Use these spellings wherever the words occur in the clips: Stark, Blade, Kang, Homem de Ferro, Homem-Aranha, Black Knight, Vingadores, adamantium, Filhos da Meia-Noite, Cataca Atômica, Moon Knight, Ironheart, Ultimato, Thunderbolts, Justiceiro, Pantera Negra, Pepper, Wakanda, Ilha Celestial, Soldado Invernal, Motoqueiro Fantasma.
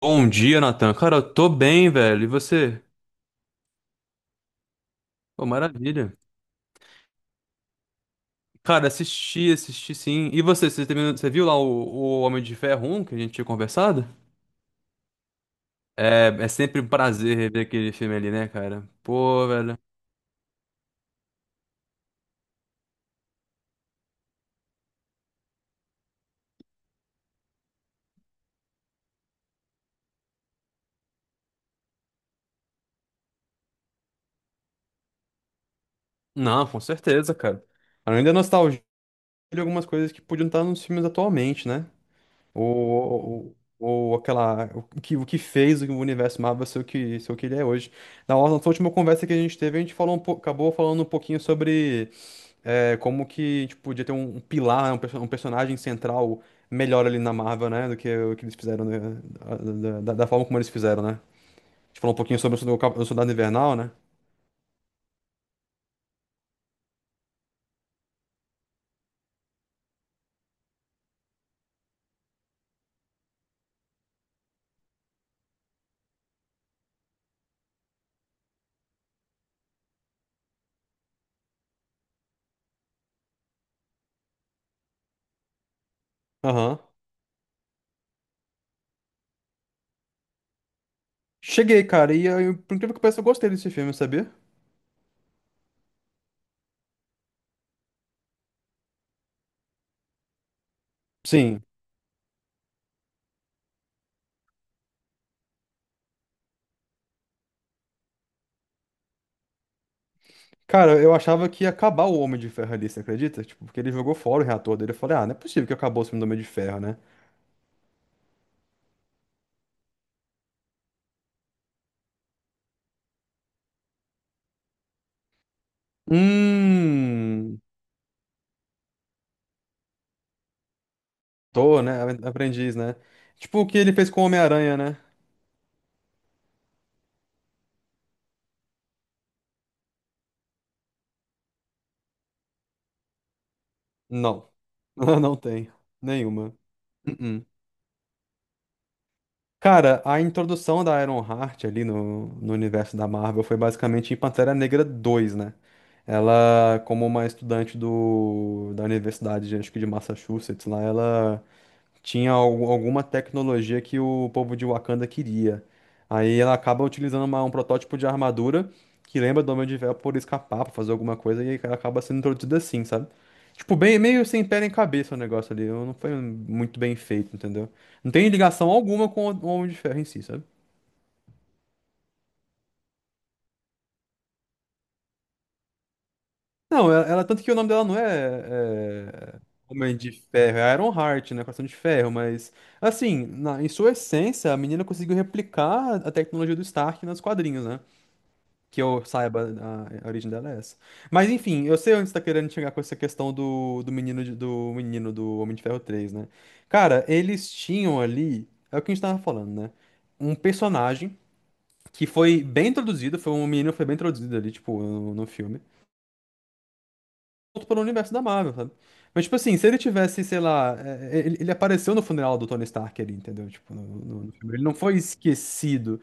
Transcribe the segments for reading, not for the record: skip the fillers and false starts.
Bom dia, Natan. Cara, eu tô bem, velho. E você? Pô, maravilha. Cara, assisti sim. E você, você viu lá o Homem de Ferro 1 que a gente tinha conversado? É sempre um prazer rever aquele filme ali, né, cara? Pô, velho. Não, com certeza, cara. Além da nostalgia de algumas coisas que podiam estar nos filmes atualmente, né? Ou, ou aquela. O que fez o universo Marvel ser o que ele é hoje. Na nossa última conversa que a gente teve, a gente falou um pouco, acabou falando um pouquinho sobre. É, como que, tipo, podia ter um pilar, né, um personagem central melhor ali na Marvel, né? Do que o que eles fizeram, né, da forma como eles fizeram, né? A gente falou um pouquinho sobre o o Soldado Invernal, né? Aham. Cheguei, cara, e eu, por incrível que pareça, eu gostei desse filme, sabia? Sim. Cara, eu achava que ia acabar o Homem de Ferro ali, você acredita? Tipo, porque ele jogou fora o reator dele. Eu falei, ah, não é possível que acabou o filme do Homem de Ferro, né? Hum. Tô, né? Aprendiz, né? Tipo o que ele fez com o Homem-Aranha, né? Não. Não tem. Nenhuma. Uh-uh. Cara, a introdução da Ironheart ali no universo da Marvel foi basicamente em Pantera Negra 2, né? Ela, como uma estudante da universidade, acho que de Massachusetts, lá, ela tinha alguma tecnologia que o povo de Wakanda queria. Aí ela acaba utilizando um protótipo de armadura que lembra do Homem de Ferro por escapar, pra fazer alguma coisa, e ela acaba sendo introduzida assim, sabe? Tipo, bem, meio sem pé nem cabeça o negócio ali. Não foi muito bem feito, entendeu? Não tem ligação alguma com o Homem de Ferro em si, sabe? Não, tanto que o nome dela não é Homem de Ferro, é Ironheart, né? Coração de Ferro, mas assim, em sua essência, a menina conseguiu replicar a tecnologia do Stark nos quadrinhos, né? Que eu saiba, a origem dela é essa. Mas enfim, eu sei onde você tá querendo chegar com essa questão do menino do menino do Homem de Ferro 3, né? Cara, eles tinham ali, é o que a gente tava falando, né? Um personagem que foi bem introduzido, foi um menino que foi bem introduzido ali, tipo, no filme. Outro pelo universo da Marvel, sabe? Mas, tipo assim, se ele tivesse, sei lá, ele apareceu no funeral do Tony Stark ali, entendeu? Tipo, no filme. Ele não foi esquecido.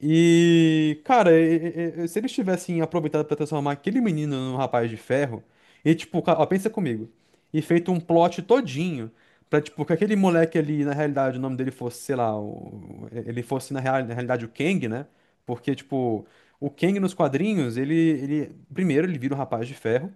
E, cara, se eles tivessem aproveitado pra transformar aquele menino num rapaz de ferro, e tipo, ó, pensa comigo, e feito um plot todinho pra, tipo, que aquele moleque ali, na realidade, o nome dele fosse, sei lá, ele fosse na realidade o Kang, né? Porque, tipo, o Kang nos quadrinhos, ele, primeiro, ele vira um rapaz de ferro.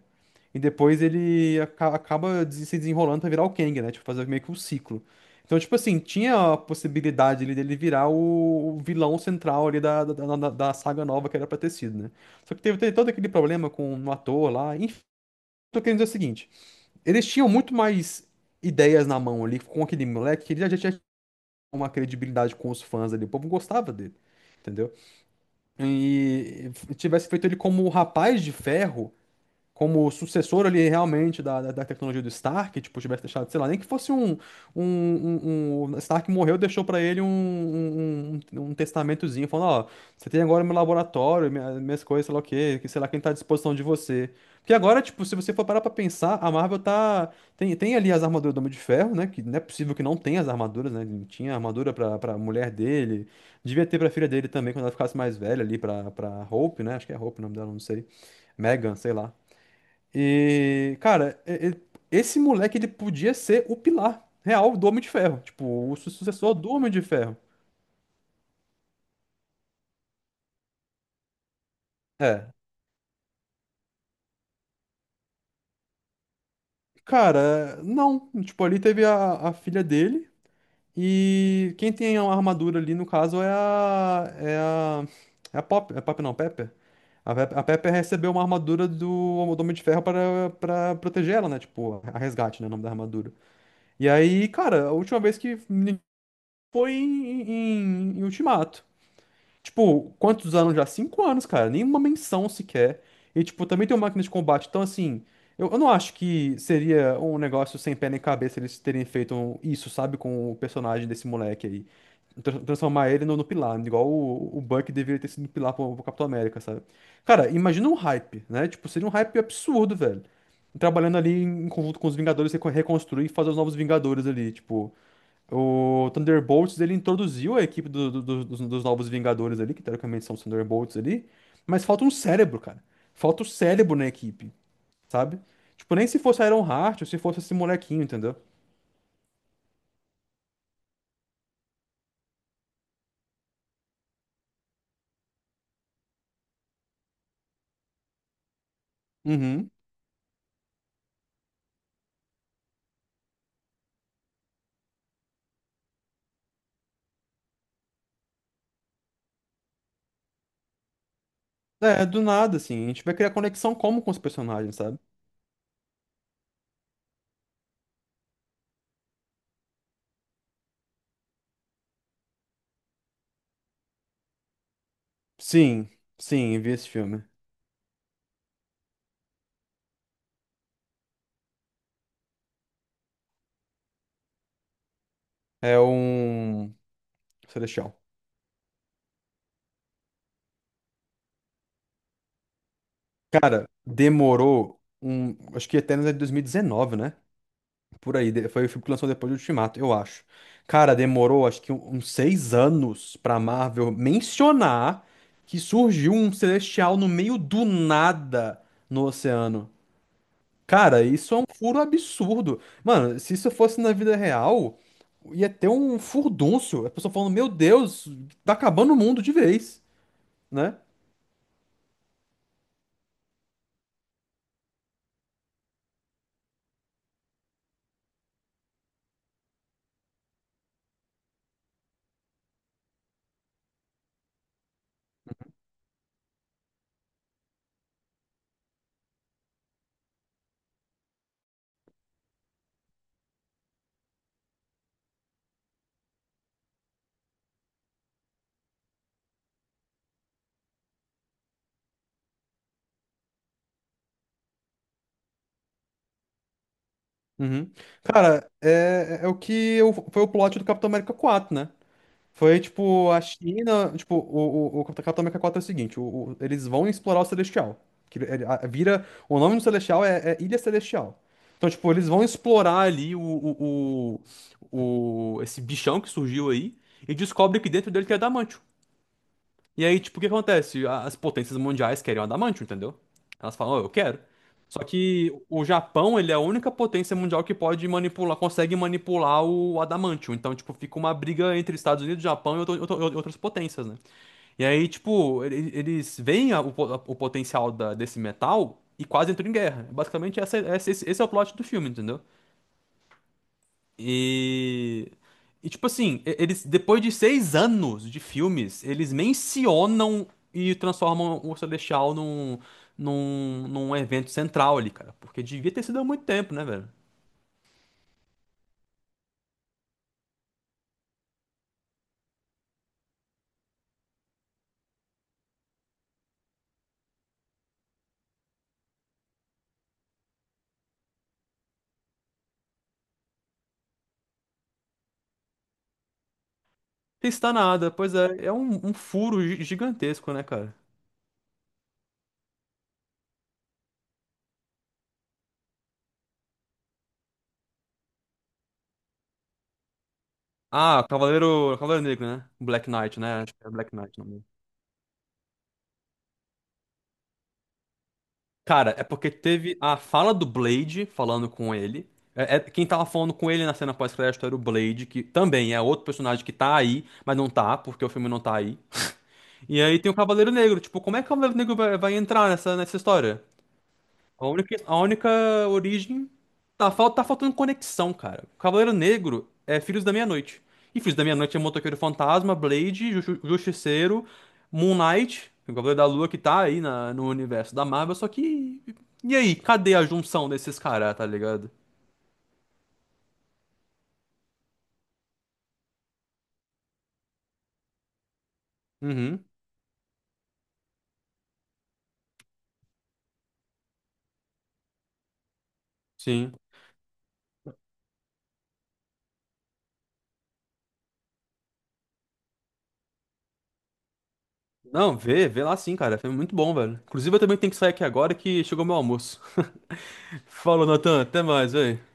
E depois ele acaba se desenrolando pra virar o Kang, né? Tipo, fazer meio que um ciclo. Então, tipo assim, tinha a possibilidade ali dele virar o vilão central ali da saga nova que era pra ter sido, né? Só que teve todo aquele problema com o ator lá. Enfim, tô querendo dizer o seguinte: eles tinham muito mais ideias na mão ali com aquele moleque que ele já tinha uma credibilidade com os fãs ali. O povo gostava dele, entendeu? E tivesse feito ele como o rapaz de ferro como sucessor ali realmente da tecnologia do Stark, tipo, tivesse deixado, sei lá, nem que fosse Stark morreu, deixou pra ele um testamentozinho, falando, ó, você tem agora meu laboratório, minhas coisas, sei lá o quê, que sei lá quem tá à disposição de você. Porque agora, tipo, se você for parar pra pensar, a Marvel tem ali as armaduras do Homem de Ferro, né, que não é possível que não tenha as armaduras, né, tinha armadura pra mulher dele, devia ter pra filha dele também, quando ela ficasse mais velha ali, pra Hope, né, acho que é Hope o nome dela, não sei, Megan, sei lá. E, cara, esse moleque ele podia ser o pilar real do Homem de Ferro, tipo, o sucessor do Homem de Ferro. É. Cara, não. Tipo, ali teve a filha dele. E quem tem a armadura ali, no caso, é a. Pop. É Pop não, Pepper. A Pepper recebeu uma armadura do Homem de Ferro para proteger ela, né? Tipo, a resgate, né? O nome da armadura. E aí, cara, a última vez que foi em Ultimato. Tipo, quantos anos já? 5 anos, cara. Nenhuma menção sequer. E, tipo, também tem uma máquina de combate. Então, assim, eu não acho que seria um negócio sem pé nem cabeça eles terem feito isso, sabe? Com o personagem desse moleque aí. Transformar ele no Pilar, igual o Buck deveria ter sido Pilar pro Capitão América, sabe? Cara, imagina um hype, né? Tipo, seria um hype absurdo, velho. Trabalhando ali em conjunto com os Vingadores, reconstruir e fazer os novos Vingadores ali, tipo. O Thunderbolts, ele introduziu a equipe dos Novos Vingadores ali, que teoricamente são os Thunderbolts ali, mas falta um cérebro, cara. Falta o cérebro na equipe, sabe? Tipo, nem se fosse Ironheart ou se fosse esse molequinho, entendeu? Uhum. É, do nada, assim. A gente vai criar conexão como com os personagens, sabe? Sim, sim, vi esse filme. É um Celestial. Cara, acho que até no ano de 2019, né? Por aí, foi o filme que lançou depois do Ultimato, eu acho. Cara, demorou acho que uns 6 anos pra Marvel mencionar que surgiu um celestial no meio do nada no oceano. Cara, isso é um furo absurdo. Mano, se isso fosse na vida real, ia ter um furdúncio. A pessoa falando, meu Deus, tá acabando o mundo de vez, né? Uhum. Cara, é o que foi o plot do Capitão América 4, né? Foi tipo a China, tipo, o Cataca Atômica 4 é o seguinte, eles vão explorar o Celestial. Que vira, o nome do Celestial é Ilha Celestial. Então, tipo, eles vão explorar ali esse bichão que surgiu aí e descobre que dentro dele tem adamantio. E aí, tipo, o que acontece? As potências mundiais querem o adamantium, entendeu? Elas falam, "Ó, eu quero." Só que o Japão, ele é a única potência mundial que pode manipular, consegue manipular o adamantium. Então, tipo, fica uma briga entre Estados Unidos, Japão e outras potências, né? E aí, tipo, eles veem o potencial desse metal e quase entram em guerra. Basicamente, esse é o plot do filme, entendeu? E, tipo assim, eles depois de 6 anos de filmes, eles mencionam e transformam o Celestial num evento central ali, cara. Porque devia ter sido há muito tempo, né, velho? Não está nada, pois é um, furo gigantesco, né, cara? Ah, Cavaleiro Negro, né? Black Knight, né? Acho que é Black Knight, não. Cara, é porque teve a fala do Blade falando com ele. Quem tava falando com ele na cena pós-crédito era o Blade, que também é outro personagem que tá aí, mas não tá, porque o filme não tá aí. E aí tem o Cavaleiro Negro. Tipo, como é que o Cavaleiro Negro vai entrar nessa história? A única origem. Tá faltando conexão, cara. Cavaleiro Negro é Filhos da Meia-Noite. E Filhos da Meia-Noite é Motoqueiro Fantasma, Blade, Justiceiro, Moon Knight, o Cavaleiro da Lua que tá aí no universo da Marvel, só que. E aí, cadê a junção desses caras, tá ligado? Uhum, sim. Não, vê lá sim, cara. Foi muito bom, velho. Inclusive, eu também tenho que sair aqui agora que chegou meu almoço. Falou, Natan. Até mais, velho.